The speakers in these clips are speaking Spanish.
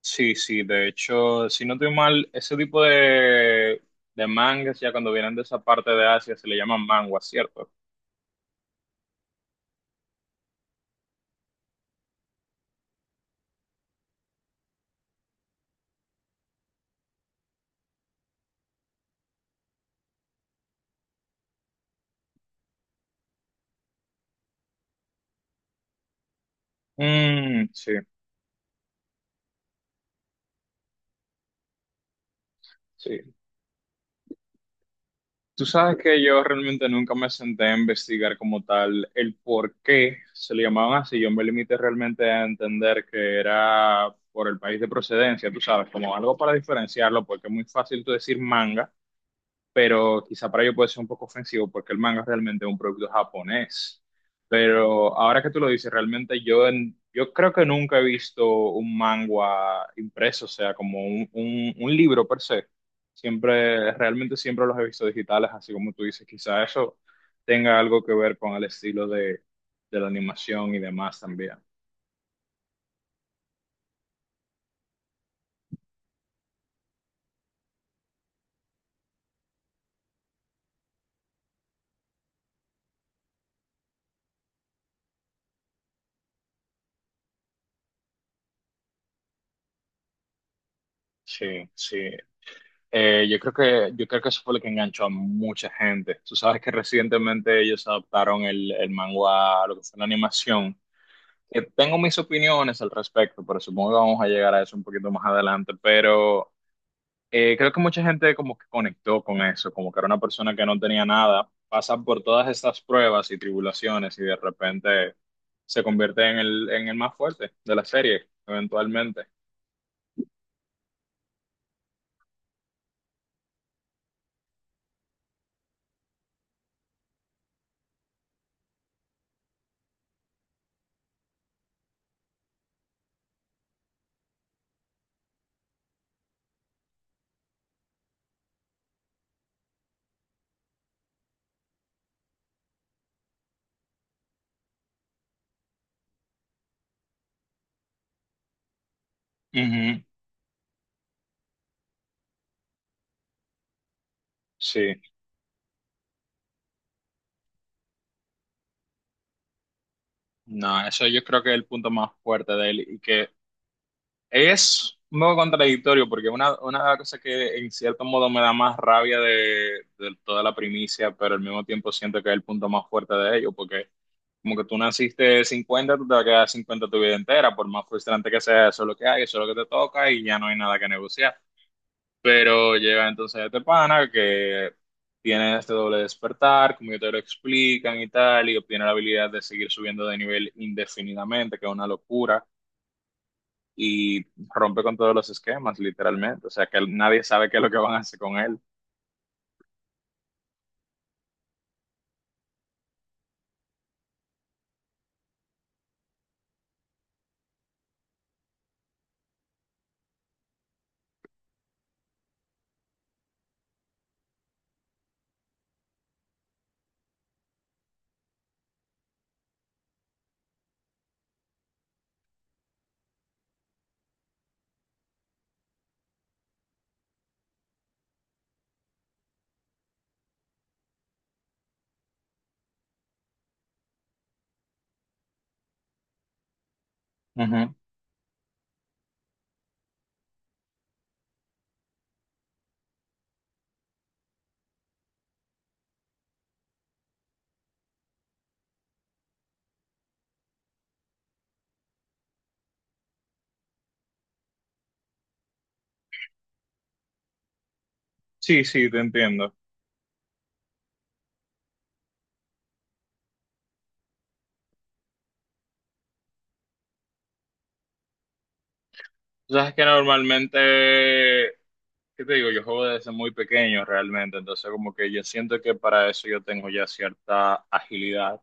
Sí, sí, de hecho, si no estoy mal, ese tipo de mangas ya cuando vienen de esa parte de Asia se le llaman manguas, ¿cierto? Mm, sí, sí. Tú sabes que yo realmente nunca me senté a investigar como tal el por qué se le llamaban así. Yo me limité realmente a entender que era por el país de procedencia, tú sabes, como algo para diferenciarlo, porque es muy fácil tú decir manga, pero quizá para ello puede ser un poco ofensivo porque el manga es realmente un producto japonés. Pero ahora que tú lo dices, realmente yo creo que nunca he visto un manga impreso, o sea, como un, un libro per se. Siempre, realmente siempre los he visto digitales, así como tú dices, quizá eso tenga algo que ver con el estilo de, la animación y demás también. Sí, sí. Yo creo que eso fue lo que enganchó a mucha gente. Tú sabes que recientemente ellos adaptaron el manga a lo que fue la animación. Que tengo mis opiniones al respecto, pero supongo que vamos a llegar a eso un poquito más adelante. Pero creo que mucha gente como que conectó con eso, como que era una persona que no tenía nada, pasa por todas estas pruebas y tribulaciones y de repente se convierte en el, más fuerte de la serie, eventualmente. Ujú. Sí. No, eso yo creo que es el punto más fuerte de él. Y que es un poco contradictorio porque una, cosa que en cierto modo me da más rabia de toda la primicia, pero al mismo tiempo siento que es el punto más fuerte de ello, porque como que tú naciste 50, tú te vas a quedar 50 tu vida entera, por más frustrante que sea, eso es lo que hay, eso es lo que te toca y ya no hay nada que negociar. Pero llega entonces este pana que tiene este doble despertar, como yo te lo explican y tal, y obtiene la habilidad de seguir subiendo de nivel indefinidamente, que es una locura y rompe con todos los esquemas, literalmente. O sea, que nadie sabe qué es lo que van a hacer con él. Ujú. Sí, sí, te entiendo. Tú sabes que normalmente, ¿qué te digo? Yo juego desde muy pequeño realmente, entonces como que yo siento que para eso yo tengo ya cierta agilidad.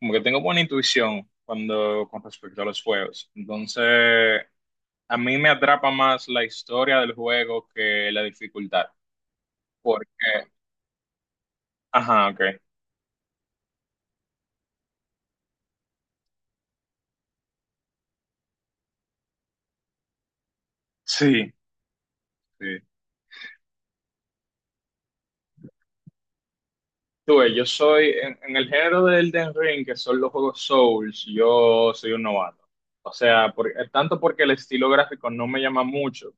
Como que tengo buena intuición cuando con respecto a los juegos. Entonces, a mí me atrapa más la historia del juego que la dificultad, porque, ajá, ok. Sí, sí. Tú ves, yo soy, en, el género del Elden Ring, que son los juegos Souls, yo soy un novato. O sea, tanto porque el estilo gráfico no me llama mucho,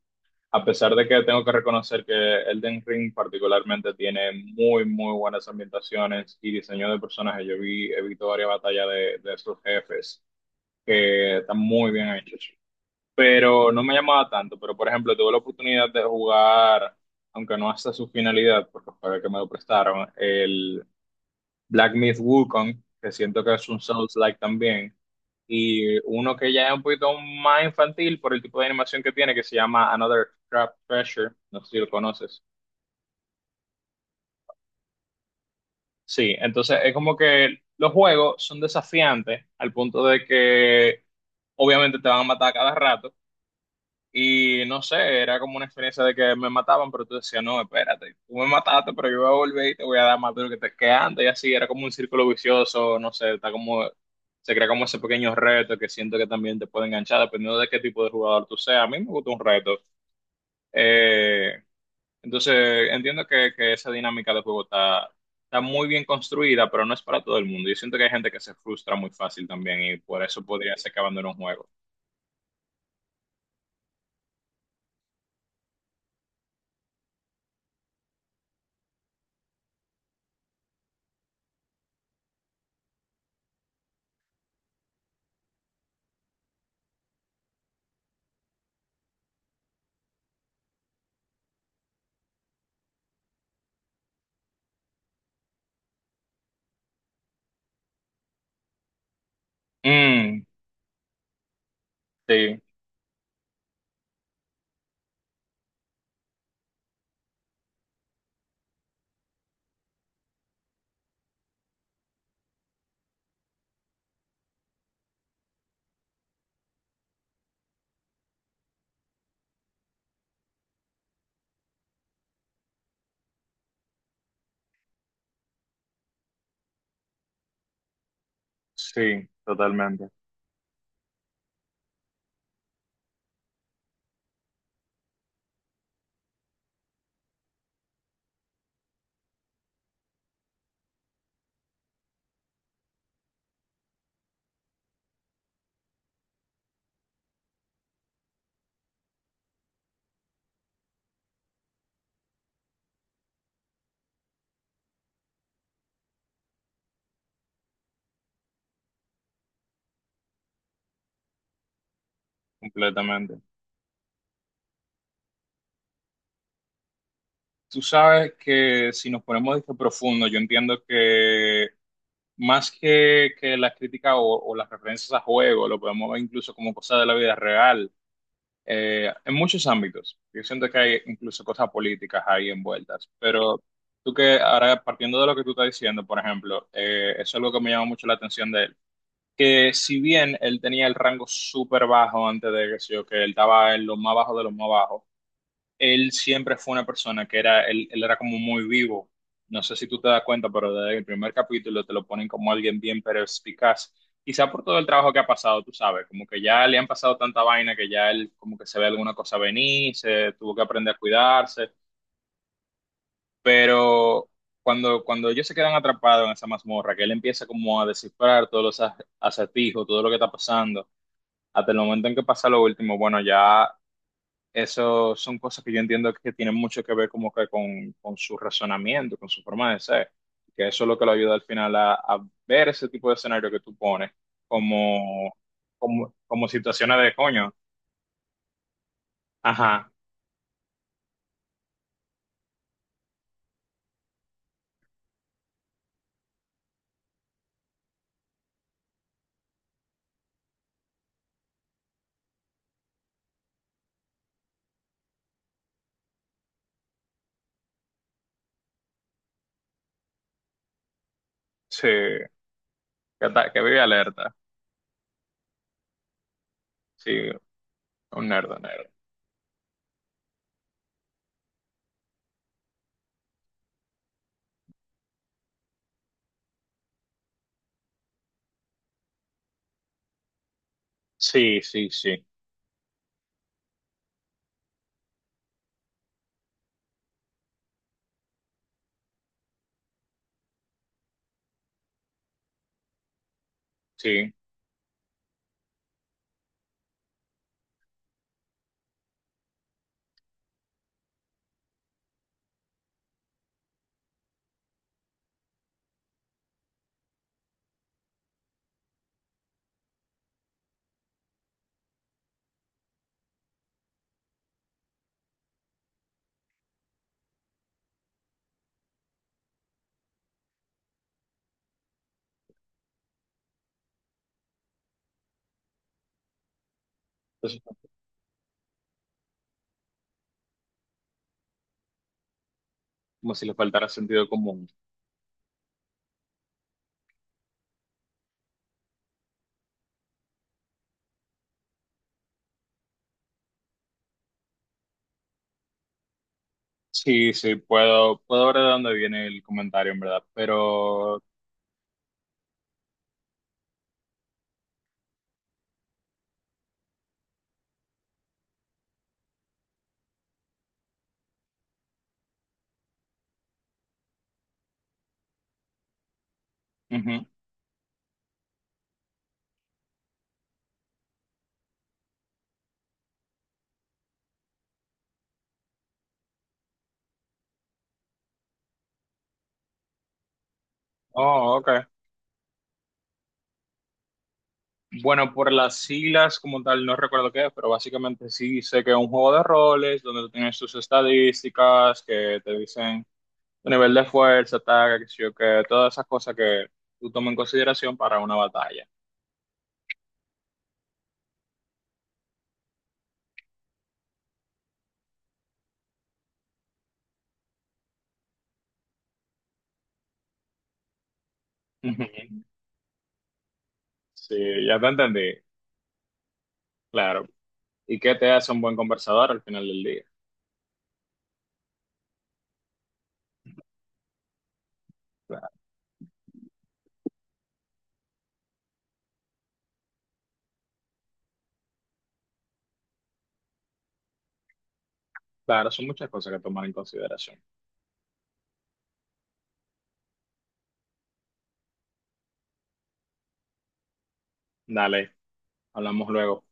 a pesar de que tengo que reconocer que Elden Ring particularmente tiene muy, muy buenas ambientaciones y diseño de personajes. He visto varias batallas de sus jefes, que están muy bien hechos. Pero no me llamaba tanto, pero por ejemplo, tuve la oportunidad de jugar, aunque no hasta su finalidad, porque fue que me lo prestaron, Black Myth Wukong, que siento que es un Souls-like también, y uno que ya es un poquito más infantil por el tipo de animación que tiene, que se llama Another Trap Treasure, no sé si lo conoces. Sí, entonces es como que los juegos son desafiantes al punto de que obviamente te van a matar a cada rato. Y no sé, era como una experiencia de que me mataban, pero tú decías, no, espérate, tú me mataste, pero yo voy a volver y te voy a dar más duro que antes. Y así era como un círculo vicioso, no sé, está como, se crea como ese pequeño reto que siento que también te puede enganchar, dependiendo de qué tipo de jugador tú seas. A mí me gusta un reto. Eh, entonces, entiendo que esa dinámica de juego está muy bien construida, pero no es para todo el mundo. Yo siento que hay gente que se frustra muy fácil también y por eso podría ser que abandone un juego. Mm, sí, sí, totalmente. Completamente. Tú sabes que si nos ponemos de que profundo, yo entiendo que más que las críticas o, las referencias a juegos, lo podemos ver incluso como cosas de la vida real, en muchos ámbitos. Yo siento que hay incluso cosas políticas ahí envueltas. Pero tú que ahora, partiendo de lo que tú estás diciendo, por ejemplo, eso es algo que me llama mucho la atención de él. Que si bien él tenía el rango súper bajo antes de que, sé yo, que él estaba en lo más bajo de los más bajos, él siempre fue una persona que era, él era como muy vivo. No sé si tú te das cuenta, pero desde el primer capítulo te lo ponen como alguien bien perspicaz. Quizá por todo el trabajo que ha pasado, tú sabes, como que ya le han pasado tanta vaina que ya él como que se ve alguna cosa venir, se tuvo que aprender a cuidarse. Pero cuando ellos se quedan atrapados en esa mazmorra, que él empieza como a descifrar todos los a acertijos, todo lo que está pasando, hasta el momento en que pasa lo último, bueno, ya eso son cosas que yo entiendo que tienen mucho que ver como que con, su razonamiento, con su forma de ser, que eso es lo que lo ayuda al final a ver ese tipo de escenario que tú pones como, como situaciones de coño. Ajá, sí, que vive alerta, sí, un nerd, un nerd. Sí, sí, sí, sí. Entonces, como si le faltara sentido común. Sí, sí, puedo ver de dónde viene el comentario, en verdad, pero... Ujú. Oh, ok. Bueno, por las siglas como tal, no recuerdo qué es, pero básicamente sí sé que es un juego de roles donde tú tienes tus estadísticas que te dicen tu nivel de fuerza, ataque, qué sé yo qué, todas esas cosas que tú tomas en consideración para una batalla. Ujú. Sí, ya te entendí, claro. ¿Y qué te hace un buen conversador al final del día? Claro, claro, son muchas cosas que tomar en consideración. Dale, hablamos luego.